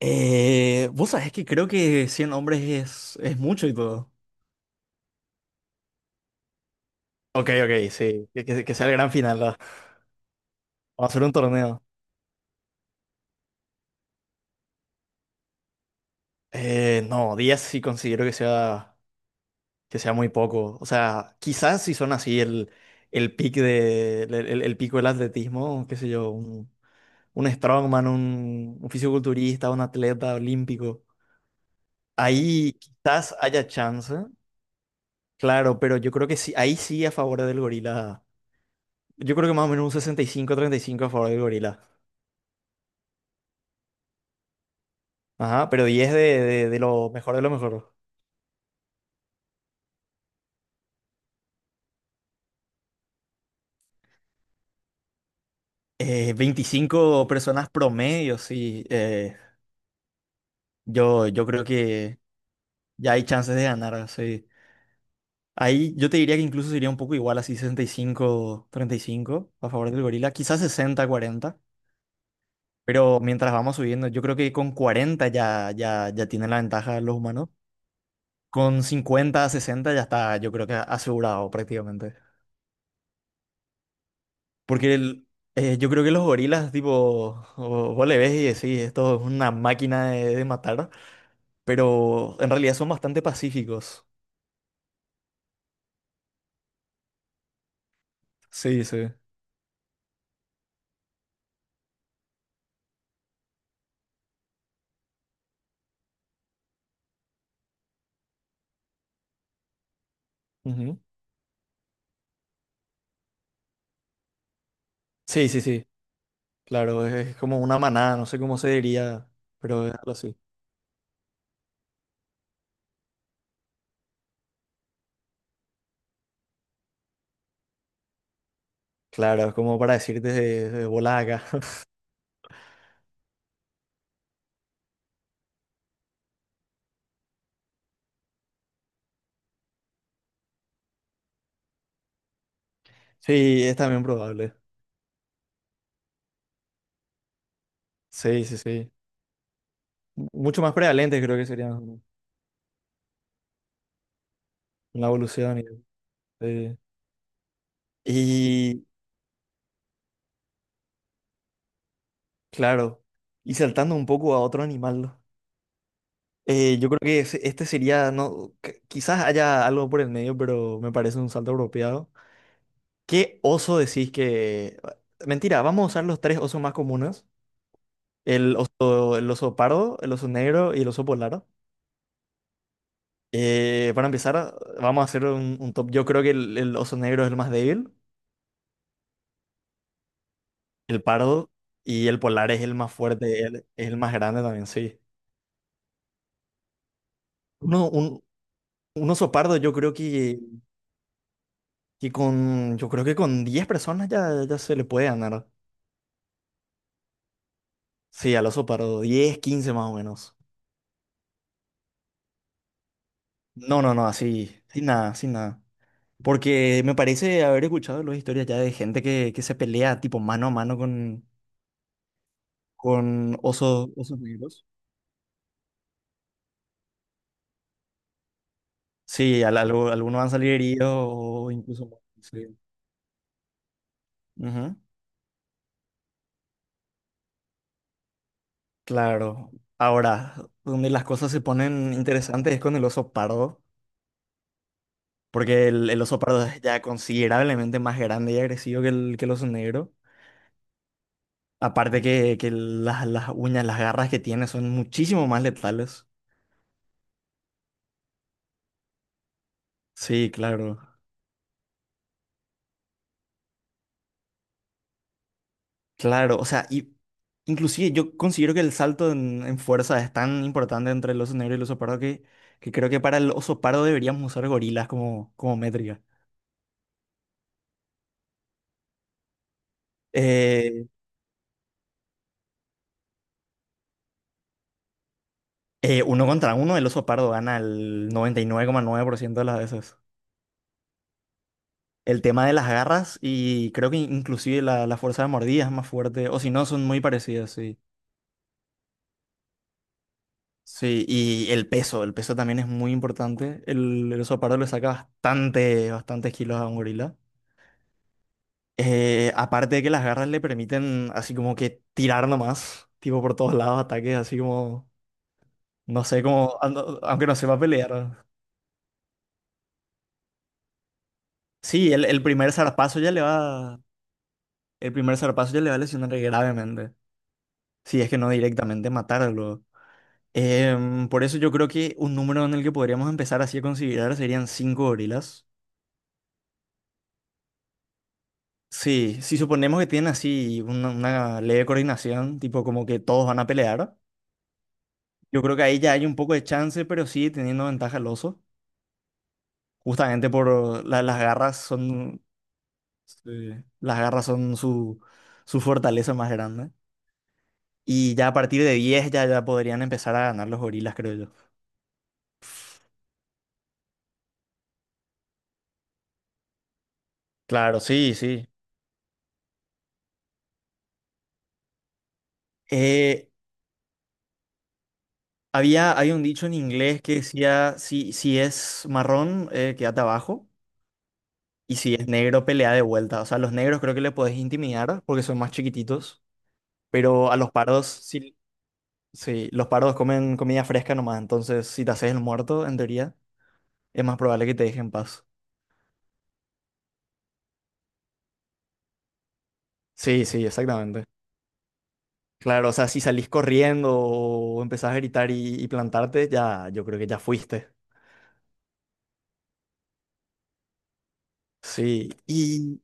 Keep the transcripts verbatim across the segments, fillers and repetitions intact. Eh, vos sabés que creo que cien hombres es, es mucho y todo. Ok, ok, sí. Que, que- que sea el gran final, ¿verdad? Vamos a hacer un torneo. Eh, no, diez sí considero que sea, que sea muy poco. O sea, quizás si son así el, el pic de, el, el- el pico del atletismo, qué sé yo, un, un strongman, un, un fisiculturista, un atleta olímpico. Ahí quizás haya chance, claro, pero yo creo que sí, ahí sí a favor del gorila. Yo creo que más o menos un sesenta y cinco treinta y cinco a favor del gorila. Ajá, pero diez de, de, de lo mejor de lo mejor. Eh, veinticinco personas promedio, sí. eh, yo, yo creo que ya hay chances de ganar. Sí. Ahí yo te diría que incluso sería un poco igual, así sesenta y cinco treinta y cinco a favor del gorila. Quizás sesenta cuarenta. Pero mientras vamos subiendo, yo creo que con cuarenta ya, ya, ya tienen la ventaja los humanos. Con cincuenta sesenta ya está, yo creo que asegurado prácticamente. Porque el- eh, yo creo que los gorilas, tipo, o- vos le ves y decís, esto es una máquina de, de matar, pero en realidad son bastante pacíficos. Sí, sí. Ujú. Sí, sí, sí. Claro, es, es como una manada, no sé cómo se diría, pero es algo así. Claro, es como para decirte de, de bola acá. Sí, es también probable. Sí, sí, sí. M- Mucho más prevalentes creo que serían, ¿no? En la evolución. Y, sí. Y, claro, y saltando un poco a otro animal. Eh, yo creo que es- este sería, no, qu- quizás haya algo por el medio, pero me parece un salto apropiado. ¿Qué oso decís que... Mentira, vamos a usar los tres osos más comunes. El oso, el oso pardo, el oso negro y el oso polar. Eh, para empezar, vamos a hacer un, un top. Yo creo que el, el oso negro es el más débil, el pardo y el polar es el más fuerte, el- es el más grande también, sí. Uno, un, un oso pardo yo creo que, que con, yo creo que con diez personas ya, ya se le puede ganar. Sí, al oso pardo, diez, quince más o menos. No, no, no, así, sin nada, sin nada. Porque me parece haber escuchado las historias ya de gente que, que se pelea tipo mano a mano con, con osos, osos negros. Sí, al- algo- algunos van a salir heridos o incluso... sí. Ujú, claro. Ahora, donde las cosas se ponen interesantes es con el oso pardo, porque el, el oso pardo es ya considerablemente más grande y agresivo que el, que el oso negro. Aparte que, que las, las uñas, las garras que tiene son muchísimo más letales. Sí, claro, claro. O sea, y inclusive yo considero que el salto en, en fuerza es tan importante entre el oso negro y el oso pardo que, que creo que para el oso pardo deberíamos usar gorilas como, como métrica. Eh, eh, Uno contra uno, el oso pardo gana el noventa y nueve coma nueve por ciento de las veces. El tema de las garras y creo que inclusive la, la fuerza de mordida es más fuerte, o si no, son muy parecidas, sí. Sí, y el peso, el peso también es muy importante. El, el oso pardo le saca bastante, bastantes kilos a un gorila. Eh, aparte de que las garras le permiten así como que tirar nomás, tipo por todos lados, ataques así como, no sé, como, a- no- aunque no sepa pelear. Sí, el, el primer zarpazo ya le va, el primer zarpazo ya le va a lesionar gravemente. Si es que no directamente matarlo. Em, por eso yo creo que un número en el que podríamos empezar así a considerar serían cinco gorilas. Sí, si suponemos que tienen así una, una leve coordinación, tipo como que todos van a pelear, yo creo que ahí ya hay un poco de chance, pero sí teniendo ventaja el oso, justamente por la- las garras son, sí, las garras son su, su fortaleza más grande. Y ya a partir de diez ya, ya podrían empezar a ganar los gorilas, creo yo. Claro, sí, sí. Eh, había, hay un dicho en inglés que decía, si, si es marrón, eh, quédate abajo. Y si es negro, pelea de vuelta. O sea, a los negros creo que le podés intimidar porque son más chiquititos. Pero a los pardos, sí, sí, los pardos comen comida fresca nomás. Entonces, si te haces el muerto, en teoría, es más probable que te dejen en paz. Sí, sí, exactamente. Claro, o sea, si salís corriendo o empezás a gritar y, y plantarte, ya, yo creo que ya fuiste. Sí. Y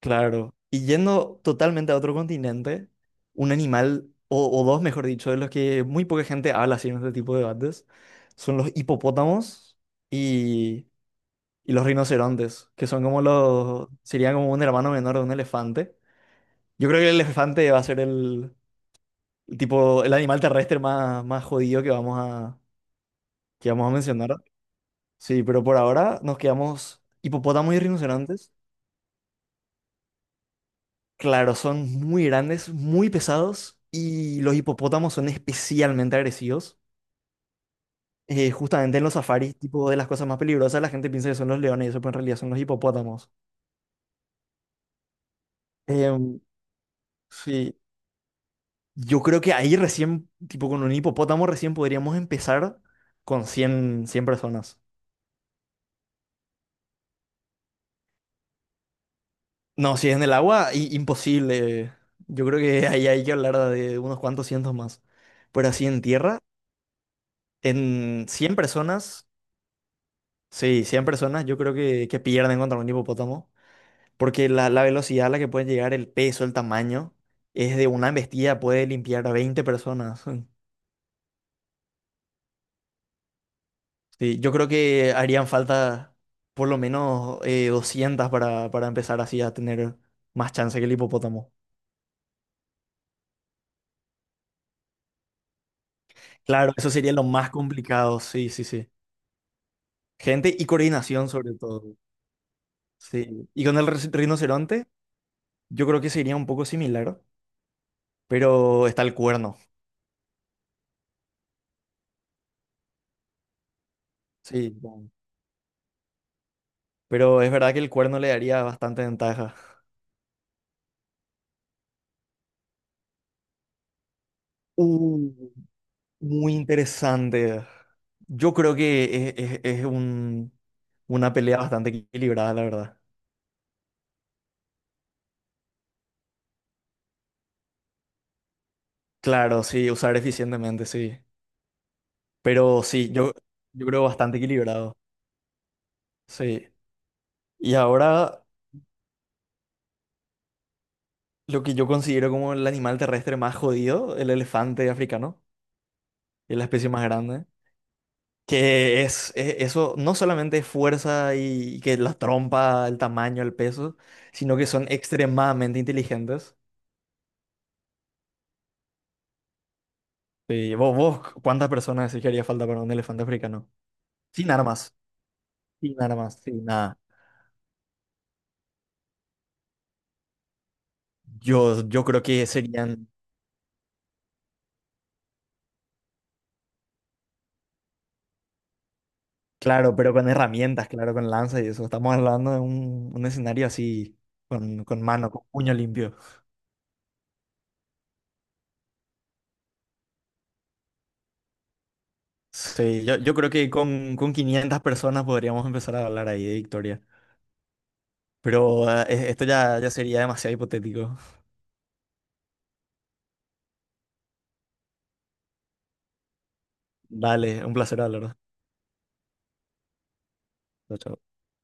claro. Y yendo totalmente a otro continente, un animal, o, o dos, mejor dicho, de los que muy poca gente habla así en este tipo de debates, son los hipopótamos y, y los rinocerontes, que son como los, serían como un hermano menor de un elefante. Yo creo que el elefante va a ser el, el tipo, el animal terrestre más, más jodido que vamos a, que vamos a mencionar. Sí, pero por ahora nos quedamos hipopótamos y rinocerontes. Claro, son muy grandes, muy pesados y los hipopótamos son especialmente agresivos. Eh, justamente en los safaris, tipo de las cosas más peligrosas, la gente piensa que son los leones y eso, pero en realidad son los hipopótamos. Em, sí, yo creo que ahí recién, tipo con un hipopótamo recién podríamos empezar con cien cien personas. No, si es en el agua, i- imposible. Yo creo que ahí hay que hablar de unos cuantos cientos más. Pero así en tierra, en cien personas. Sí, cien personas yo creo que, que pierden contra un hipopótamo, porque la, la velocidad a la que pueden llegar, el peso, el tamaño, es de una embestida, puede limpiar a veinte personas. Sí, yo creo que harían falta por lo menos eh, doscientas para, para empezar así a tener más chance que el hipopótamo. Claro, eso sería lo más complicado, sí, sí, sí. Gente y coordinación sobre todo, sí. Y con el ri- rinoceronte, yo creo que sería un poco similar, pero está el cuerno, sí. Pero es verdad que el cuerno le daría bastante ventaja. Uh, muy interesante. Yo creo que es, es- es un, una pelea bastante equilibrada, la verdad. Claro, sí, usar eficientemente, sí. Pero sí, yo, yo creo bastante equilibrado, sí. Y ahora lo que yo considero como el animal terrestre más jodido, el elefante africano, es la especie más grande. Que es, e- eso no solamente es fuerza y que la trompa, el tamaño, el peso, sino que son extremadamente inteligentes. Sí, vos, vos, ¿cuántas personas decís que haría falta para un elefante africano? Sin armas, sin armas, sin nada. Yo, yo creo que serían, claro, pero con herramientas, claro, con lanza y eso. Estamos hablando de un, un escenario así, con, con mano, con puño limpio. Sí, yo, yo creo que con, con quinientas personas podríamos empezar a hablar ahí de victoria. Pero ah, e- esto ya, ya sería demasiado hipotético. Dale, un placer hablar. Chao, chao.